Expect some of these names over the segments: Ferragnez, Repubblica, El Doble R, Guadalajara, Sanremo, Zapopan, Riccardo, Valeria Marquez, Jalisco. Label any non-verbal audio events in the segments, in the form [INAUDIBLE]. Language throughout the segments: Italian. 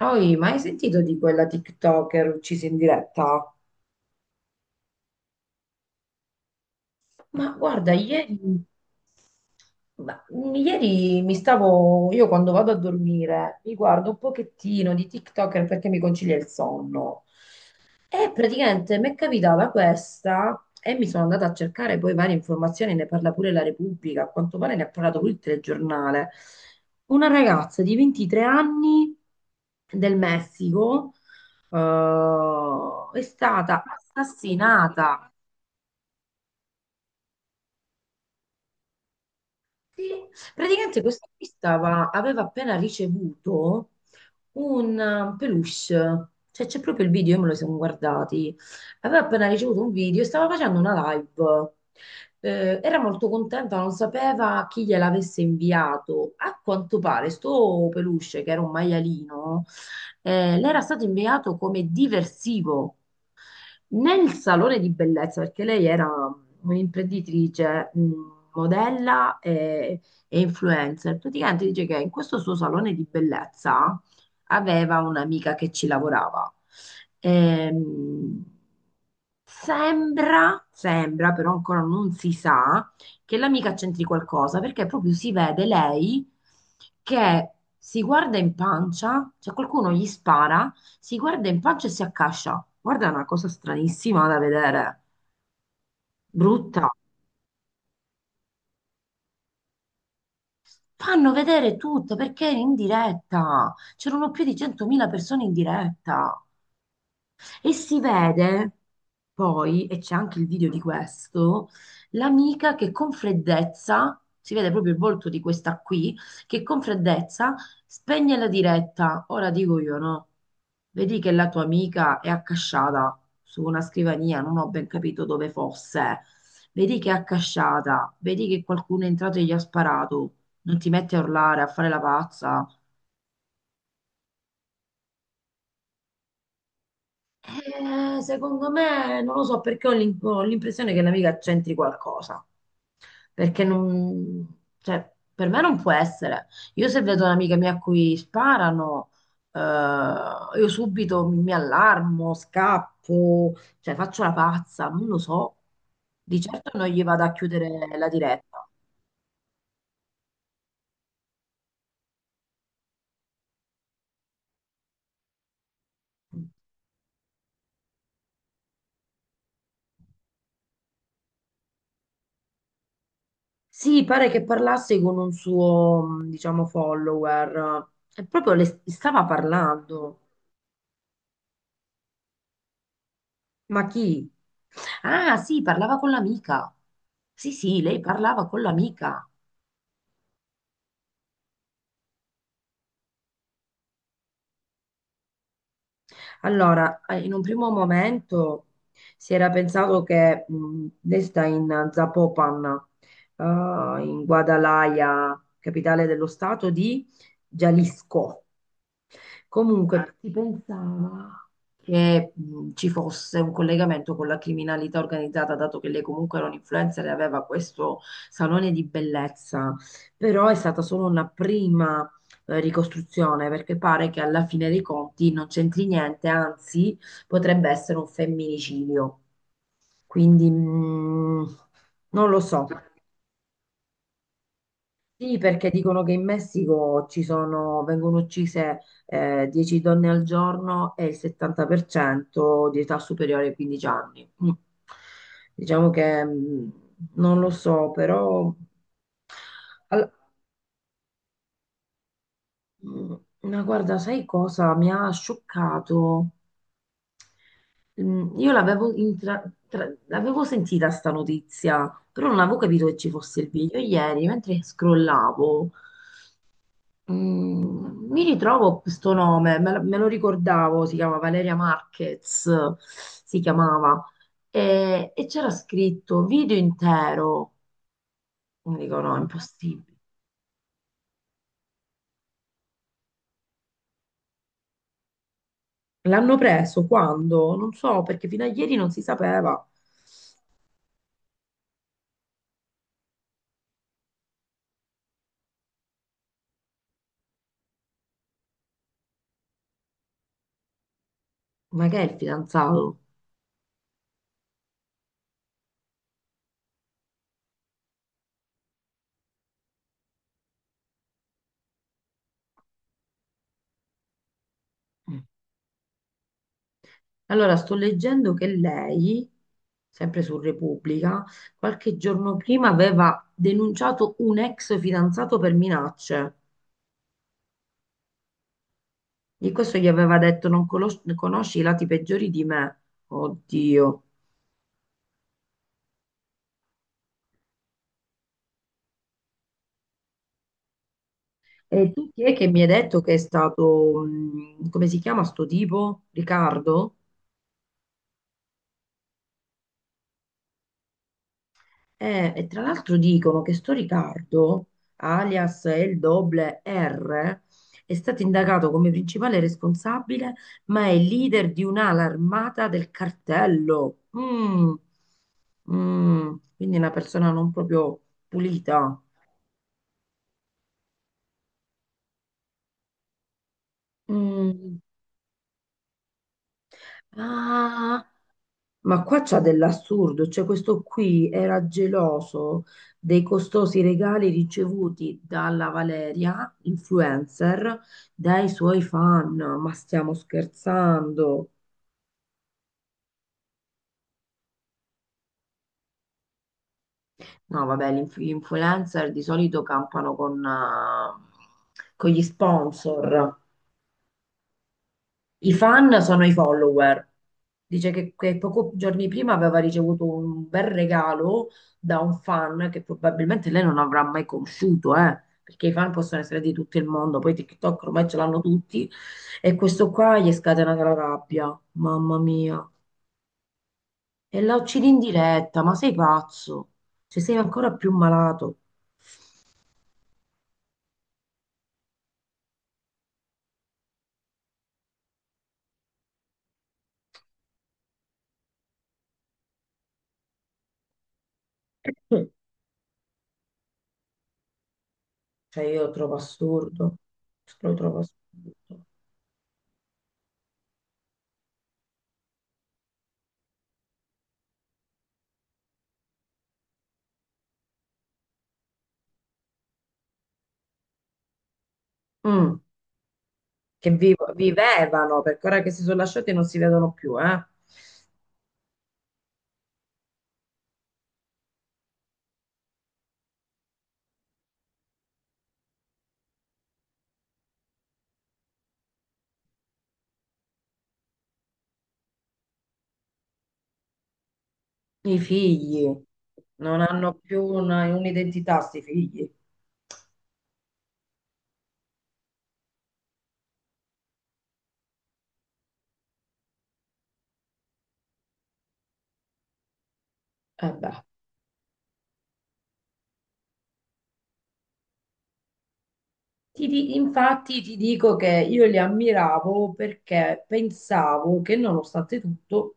Poi, ma hai sentito di quella TikToker uccisa in diretta? Ma guarda, ieri, io quando vado a dormire, mi guardo un pochettino di TikToker perché mi concilia il sonno. E praticamente mi è capitata questa e mi sono andata a cercare poi varie informazioni, ne parla pure la Repubblica, a quanto pare ne ha parlato pure il telegiornale. Una ragazza di 23 anni del Messico è stata assassinata. Sì. Praticamente questa qui aveva appena ricevuto un peluche, cioè c'è proprio il video, io me lo sono guardati. Aveva appena ricevuto un video, e stava facendo una live. Era molto contenta, non sapeva chi gliel'avesse inviato. A quanto pare, sto peluche, che era un maialino, le era stato inviato come diversivo. Nel salone di bellezza, perché lei era un'imprenditrice, modella e influencer, praticamente dice che in questo suo salone di bellezza aveva un'amica che ci lavorava. Ehm, sembra, però ancora non si sa, che l'amica c'entri qualcosa, perché proprio si vede lei che si guarda in pancia, cioè qualcuno gli spara, si guarda in pancia e si accascia. Guarda, è una cosa stranissima da vedere, brutta. Fanno vedere tutto perché è in diretta. C'erano più di 100.000 persone in diretta. E si vede poi, e c'è anche il video di questo, l'amica che con freddezza, si vede proprio il volto di questa qui, che con freddezza spegne la diretta. Ora dico io, no? Vedi che la tua amica è accasciata su una scrivania, non ho ben capito dove fosse. Vedi che è accasciata, vedi che qualcuno è entrato e gli ha sparato. Non ti metti a urlare, a fare la pazza. Secondo me, non lo so perché ho l'impressione che l'amica c'entri qualcosa. Perché non, cioè, per me non può essere. Io se vedo un'amica mia a cui sparano, eh, io subito mi allarmo, scappo, cioè faccio la pazza, non lo so. Di certo non gli vado a chiudere la diretta. Sì, pare che parlasse con un suo, diciamo, follower. E proprio le stava parlando. Ma chi? Ah, sì, parlava con l'amica. Sì, sì, lei parlava con l'amica. Allora, in un primo momento si era pensato che lei sta in Zapopan, eh, in Guadalajara, capitale dello stato di Jalisco. Comunque si pensava che ci fosse un collegamento con la criminalità organizzata, dato che lei comunque era un influencer e aveva questo salone di bellezza, però è stata solo una prima ricostruzione, perché pare che alla fine dei conti non c'entri niente, anzi potrebbe essere un femminicidio. Quindi non lo so. Sì, perché dicono che in Messico ci sono, vengono uccise 10 donne al giorno e il 70% di età superiore ai 15 anni. Mm. Diciamo che non lo so, però. All- mm, ma guarda, sai cosa mi ha scioccato? Io l'avevo sentita sta notizia, però non avevo capito che ci fosse il video ieri, mentre scrollavo. Mi ritrovo questo nome, me lo ricordavo, si chiama Valeria Marquez, si chiamava, e c'era scritto video intero. Mi dico no, è impossibile. L'hanno preso quando? Non so, perché fino a ieri non si sapeva, ma che è il fidanzato? Mm. Allora, sto leggendo che lei, sempre su Repubblica, qualche giorno prima aveva denunciato un ex fidanzato per minacce. Di questo gli aveva detto, non conosci i lati peggiori di me. Oddio. E tu chi è che mi hai detto che è stato, come si chiama sto tipo? Riccardo? E tra l'altro dicono che sto Riccardo, alias El Doble R, è stato indagato come principale responsabile, ma è leader di un'ala armata del cartello. Quindi una persona non proprio pulita. Mm. Ah, ma qua c'ha dell'assurdo, cioè questo qui era geloso dei costosi regali ricevuti dalla Valeria, influencer, dai suoi fan. Ma stiamo scherzando? No, vabbè, gli influencer di solito campano con gli sponsor. I fan sono i follower. Dice che, poco giorni prima aveva ricevuto un bel regalo da un fan che probabilmente lei non avrà mai conosciuto, perché i fan possono essere di tutto il mondo, poi TikTok ormai ce l'hanno tutti, e questo qua gli è scatenata la rabbia, mamma mia. E la uccidi in diretta, ma sei pazzo? Cioè sei ancora più malato. [COUGHS] Cioè io lo trovo assurdo, lo trovo assurdo. Mm, vivevano, perché ora che si sono lasciati non si vedono più, eh. I figli non hanno più un'identità, sti figli. Eh beh. Infatti ti dico che io li ammiravo perché pensavo che nonostante tutto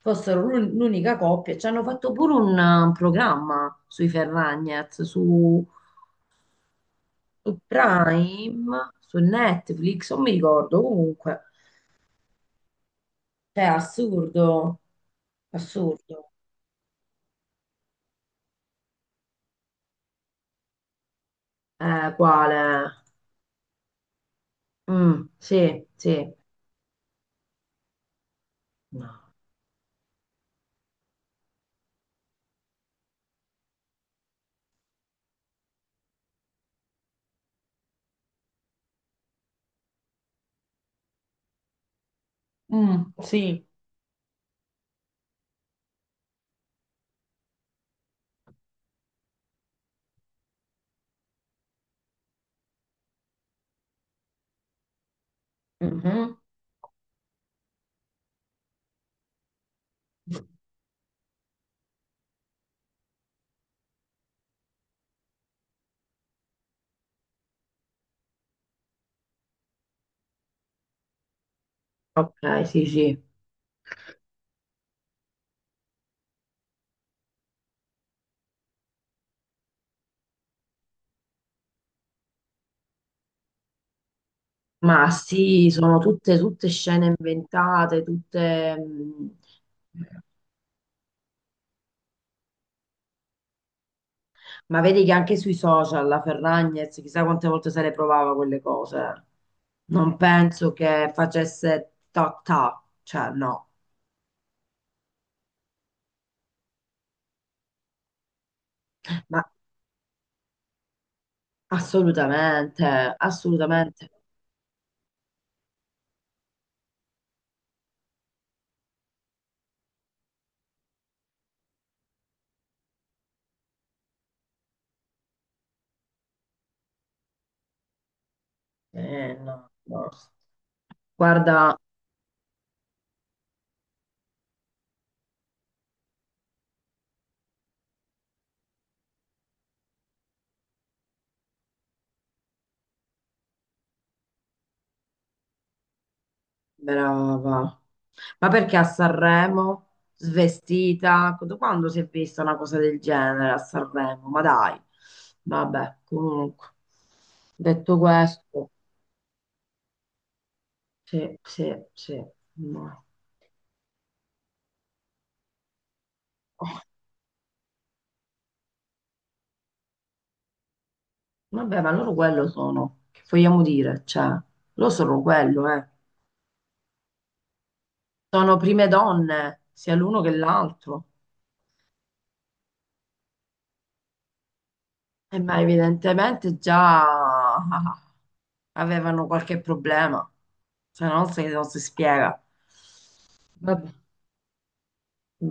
fossero l'unica coppia. Ci hanno fatto pure un programma sui Ferragnez, su Prime, su Netflix, non mi ricordo comunque. Cioè, assurdo, assurdo. Quale? Mm, sì, sì. No. Mm, sì. Mhm. Ok, sì, sì. Ma sì, sono tutte, scene inventate, tutte. Ma vedi che anche sui social la Ferragnez chissà quante volte se le provava quelle cose. Non penso che facesse ta ta, cioè no. Ma assolutamente, assolutamente. No, no. Guarda, brava. Ma perché a Sanremo, svestita? Da quando si è vista una cosa del genere a Sanremo? Ma dai, vabbè, comunque. Detto questo, sì, sì, sì. No. Vabbè, ma loro quello sono. Che vogliamo dire? Cioè, loro sono quello, eh. Sono prime donne, sia l'uno che l'altro. E ma evidentemente già [LAUGHS] avevano qualche problema, se no non si spiega. Vabbè,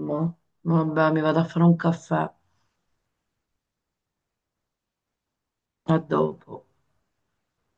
vabbè, mi vado a fare un caffè. A dopo.